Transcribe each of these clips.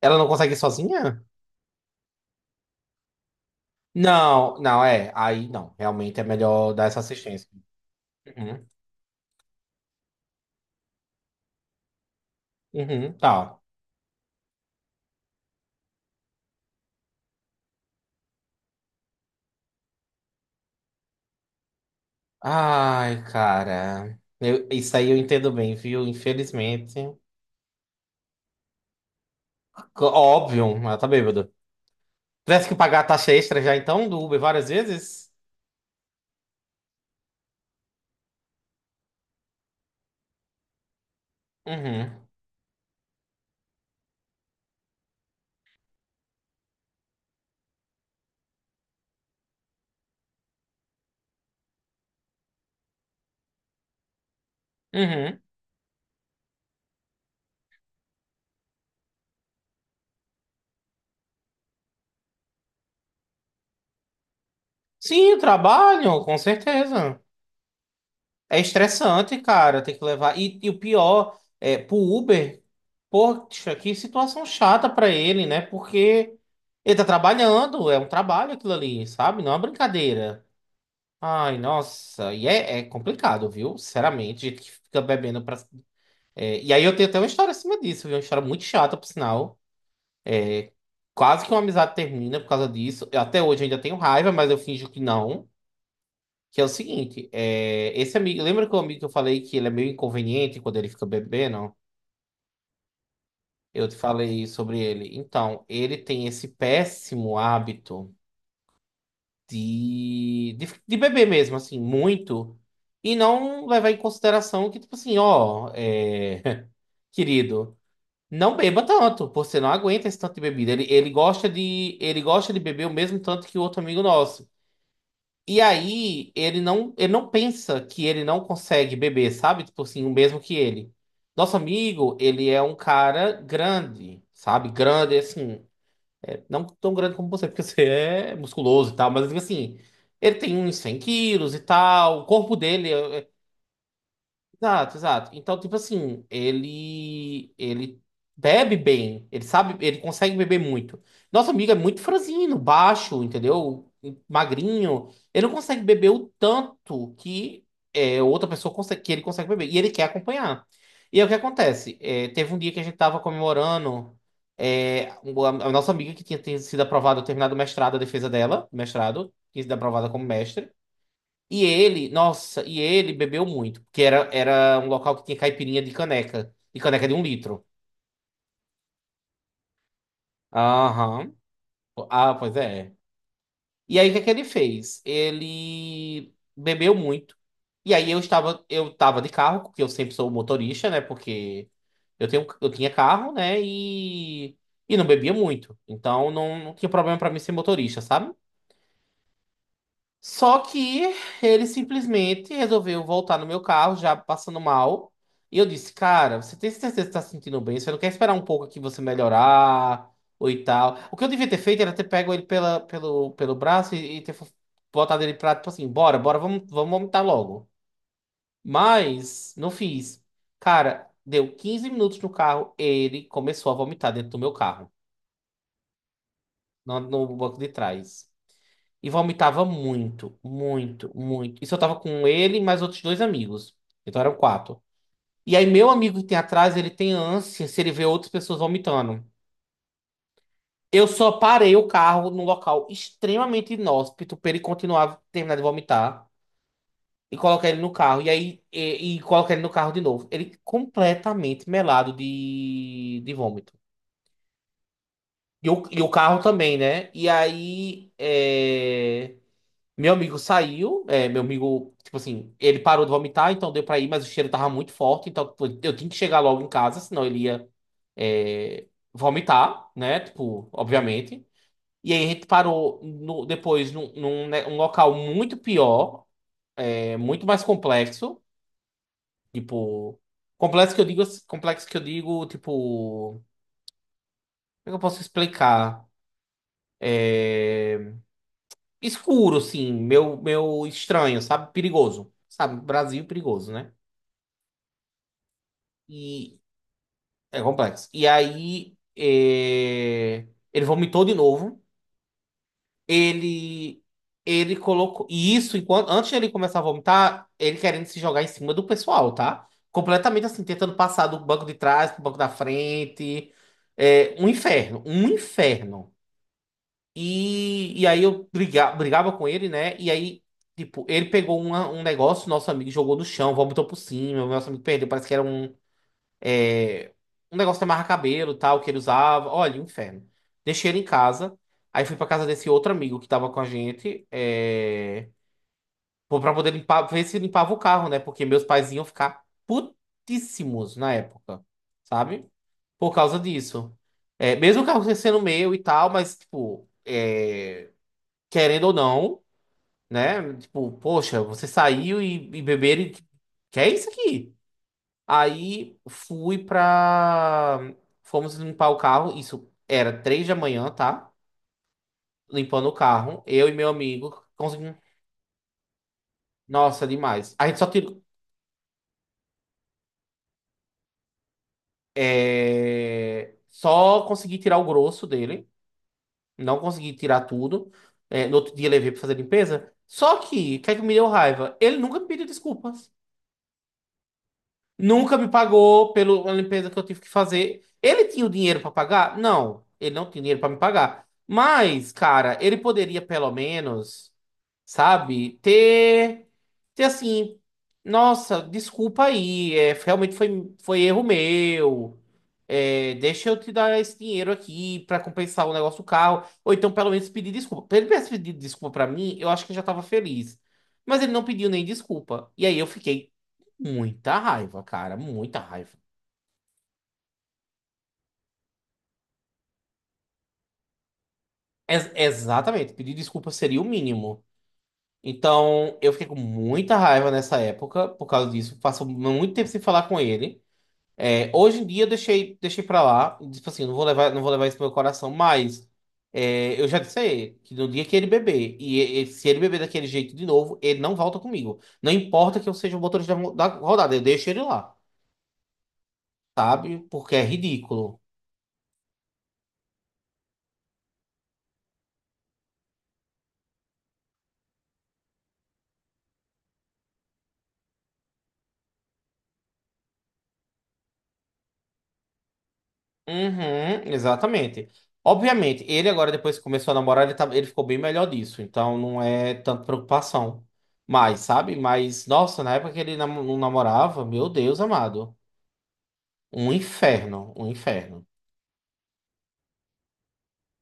Ela não consegue ir sozinha? Não, não, é. Aí não, realmente é melhor dar essa assistência. Uhum, uhum, tá. Ai, cara. Isso aí eu entendo bem, viu? Infelizmente. Óbvio, ela tá bêbada. Tivesse que pagar a taxa extra já então do Uber várias vezes? Uhum, uhum. Sim, trabalho, com certeza. É estressante, cara, tem que levar. E o pior é pro Uber, poxa, que situação chata pra ele, né? Porque ele tá trabalhando, é um trabalho aquilo ali, sabe? Não é uma brincadeira. Ai, nossa, e é complicado, viu? Sinceramente, gente que fica bebendo pra. É, e aí eu tenho até uma história acima disso, viu? Uma história muito chata, por sinal. Quase que uma amizade termina por causa disso. Até hoje eu ainda tenho raiva, mas eu finjo que não. Que é o seguinte, esse amigo, lembra que o amigo que eu falei que ele é meio inconveniente quando ele fica bebendo? Eu te falei sobre ele. Então, ele tem esse péssimo hábito de beber mesmo, assim, muito, e não levar em consideração que, tipo assim, ó, querido, não beba tanto, você não aguenta esse tanto de bebida. Ele gosta de beber o mesmo tanto que o outro amigo nosso. E aí ele não pensa que ele não consegue beber, sabe? Tipo assim, o mesmo que ele. Nosso amigo, ele é um cara grande, sabe? Grande, assim, não tão grande como você, porque você é musculoso e tal, mas tipo assim, ele tem uns 100 quilos e tal, o corpo dele. Exato, exato. Então, tipo assim, ele bebe bem, ele sabe, ele consegue beber muito. Nosso amigo é muito franzino, baixo, entendeu? Magrinho. Ele não consegue beber o tanto que outra pessoa consegue, que ele consegue beber. E ele quer acompanhar. E aí o que acontece? É, teve um dia que a gente tava comemorando a nossa amiga que tinha sido aprovada, terminado o mestrado, a defesa dela, mestrado, tinha sido aprovada como mestre. E ele, nossa, e ele bebeu muito, porque era um local que tinha caipirinha de caneca, e caneca de um litro. Aham. Ah, pois é. E aí, o que é que ele fez? Ele bebeu muito. E aí, eu estava de carro, porque eu sempre sou motorista, né? Porque eu tinha carro, né? E não bebia muito. Então, não, não tinha problema para mim ser motorista, sabe? Só que ele simplesmente resolveu voltar no meu carro, já passando mal. E eu disse, cara, você tem certeza que está se sentindo bem? Você não quer esperar um pouco aqui você melhorar ou e tal? O que eu devia ter feito era ter pego ele pelo braço e ter botado ele pra, tipo assim, bora, bora, vamos, vamos vomitar logo. Mas não fiz. Cara, deu 15 minutos no carro, ele começou a vomitar dentro do meu carro, no banco de trás. E vomitava muito, muito, muito. Isso eu tava com ele e mais outros dois amigos. Então eram quatro. E aí, meu amigo que tem atrás, ele tem ânsia se ele vê outras pessoas vomitando. Eu só parei o carro num local extremamente inóspito pra ele continuar terminar de vomitar e colocar ele no carro. E aí, e colocar ele no carro de novo. Ele completamente melado de vômito. E o carro também, né? E aí. Meu amigo saiu, meu amigo, tipo assim, ele parou de vomitar, então deu pra ir, mas o cheiro tava muito forte, então tipo, eu tinha que chegar logo em casa, senão ele ia, é, vomitar, né? Tipo, obviamente. E aí a gente parou depois num, né, um local muito pior, muito mais complexo, tipo, complexo que eu digo, complexo que eu digo, tipo, como é que eu posso explicar? É, escuro, assim, meu estranho, sabe? Perigoso. Sabe, Brasil perigoso, né? E é complexo. E aí ele vomitou de novo. Ele ele colocou e isso enquanto antes de ele começar a vomitar, ele querendo se jogar em cima do pessoal, tá? Completamente assim, tentando passar do banco de trás pro banco da frente. É um inferno, um inferno. E aí eu brigava com ele, né? E aí, tipo, ele pegou um negócio, nosso amigo jogou no chão, vomitou por cima, o nosso amigo perdeu, parece que era um negócio de amarrar cabelo, tal, que ele usava. Olha, inferno. Deixei ele em casa. Aí fui pra casa desse outro amigo que tava com a gente. Pô, pra poder limpar, ver se limpava o carro, né? Porque meus pais iam ficar putíssimos na época, sabe? Por causa disso. Mesmo o carro sendo meu e tal, mas, tipo, querendo ou não, né? Tipo, poxa, você saiu e beberam. Que é isso aqui? Aí fui pra. Fomos limpar o carro. Isso era 3 da manhã, tá? Limpando o carro. Eu e meu amigo conseguimos. Nossa, demais. A gente só tirou. Só consegui tirar o grosso dele. Não consegui tirar tudo. É, no outro dia levei pra fazer limpeza. Só que, o que é que me deu raiva? Ele nunca me pediu desculpa. Nunca me pagou pela limpeza que eu tive que fazer. Ele tinha o dinheiro para pagar? Não, ele não tinha dinheiro para me pagar. Mas, cara, ele poderia pelo menos, sabe, ter assim, nossa, desculpa aí, realmente foi erro meu. É, deixa eu te dar esse dinheiro aqui para compensar o negócio do carro. Ou então, pelo menos, pedir desculpa. Pra Ele tivesse pedido desculpa para mim, eu acho que eu já tava feliz. Mas ele não pediu nem desculpa. E aí eu fiquei. Muita raiva, cara, muita raiva. Exatamente, pedir desculpa seria o mínimo. Então, eu fiquei com muita raiva nessa época por causa disso. Passo muito tempo sem falar com ele. É, hoje em dia eu deixei pra lá. Tipo assim, não vou levar isso pro meu coração, mas eu já disse a ele que no dia que ele beber, se ele beber daquele jeito de novo, ele não volta comigo. Não importa que eu seja o motorista da rodada, eu deixo ele lá, sabe? Porque é ridículo. Uhum, exatamente. Obviamente, ele agora, depois que começou a namorar, ele, tá, ele ficou bem melhor disso. Então não é tanto preocupação. Mas, sabe? Mas, nossa, na época que ele não namorava, meu Deus amado. Um inferno, um inferno.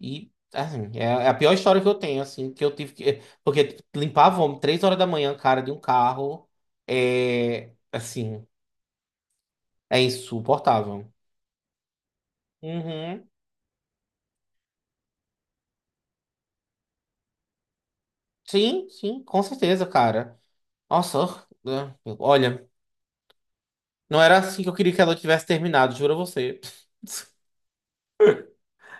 E, assim, é a pior história que eu tenho, assim, que eu tive que. Porque tipo, limpar vômito 3 horas da manhã, cara, de um carro. Assim, é insuportável. Uhum. Sim, sim, com certeza, cara. Nossa, ah, olha. Não era assim que eu queria que ela tivesse terminado, juro a você.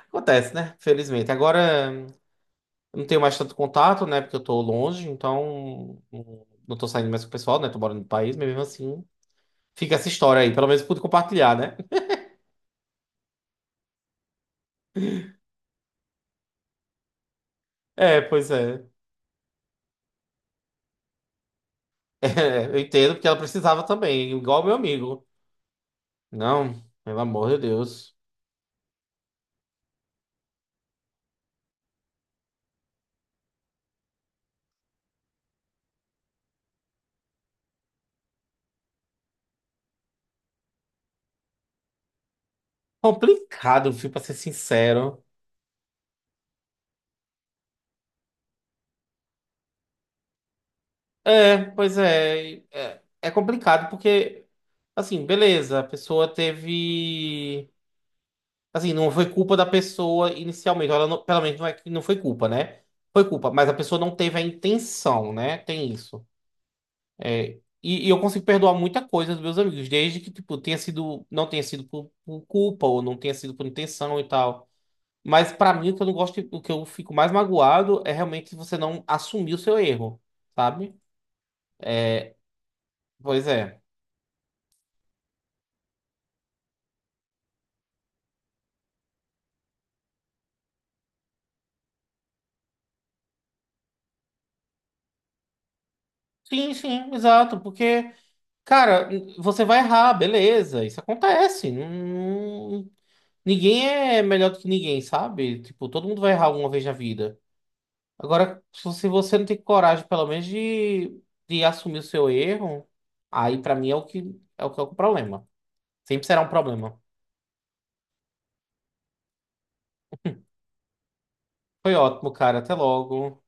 Acontece, né? Felizmente. Agora eu não tenho mais tanto contato, né? Porque eu tô longe, então não tô saindo mais com o pessoal, né? Tô morando no país, mas mesmo assim fica essa história aí. Pelo menos pude compartilhar, né? É, pois é. É, eu entendo porque ela precisava também, igual meu amigo. Não, pelo amor de Deus. Complicado, viu, pra ser sincero. É, pois é. É complicado porque, assim, beleza, a pessoa teve. Assim, não foi culpa da pessoa inicialmente. Ela pelo menos não é que não foi culpa, né? Foi culpa, mas a pessoa não teve a intenção, né? Tem isso. É, e eu consigo perdoar muita coisa dos meus amigos, desde que, tipo, não tenha sido por culpa ou não tenha sido por intenção e tal. Mas pra mim, o que eu não gosto, o que eu fico mais magoado é realmente você não assumir o seu erro, sabe? Pois é. Sim, sim, exato, porque, cara, você vai errar, beleza, isso acontece. Não, ninguém é melhor do que ninguém, sabe? Tipo, todo mundo vai errar alguma vez na vida. Agora, se você não tem coragem, pelo menos, de, assumir o seu erro, aí pra mim é o que é o problema. Sempre será um problema. Foi ótimo, cara. Até logo.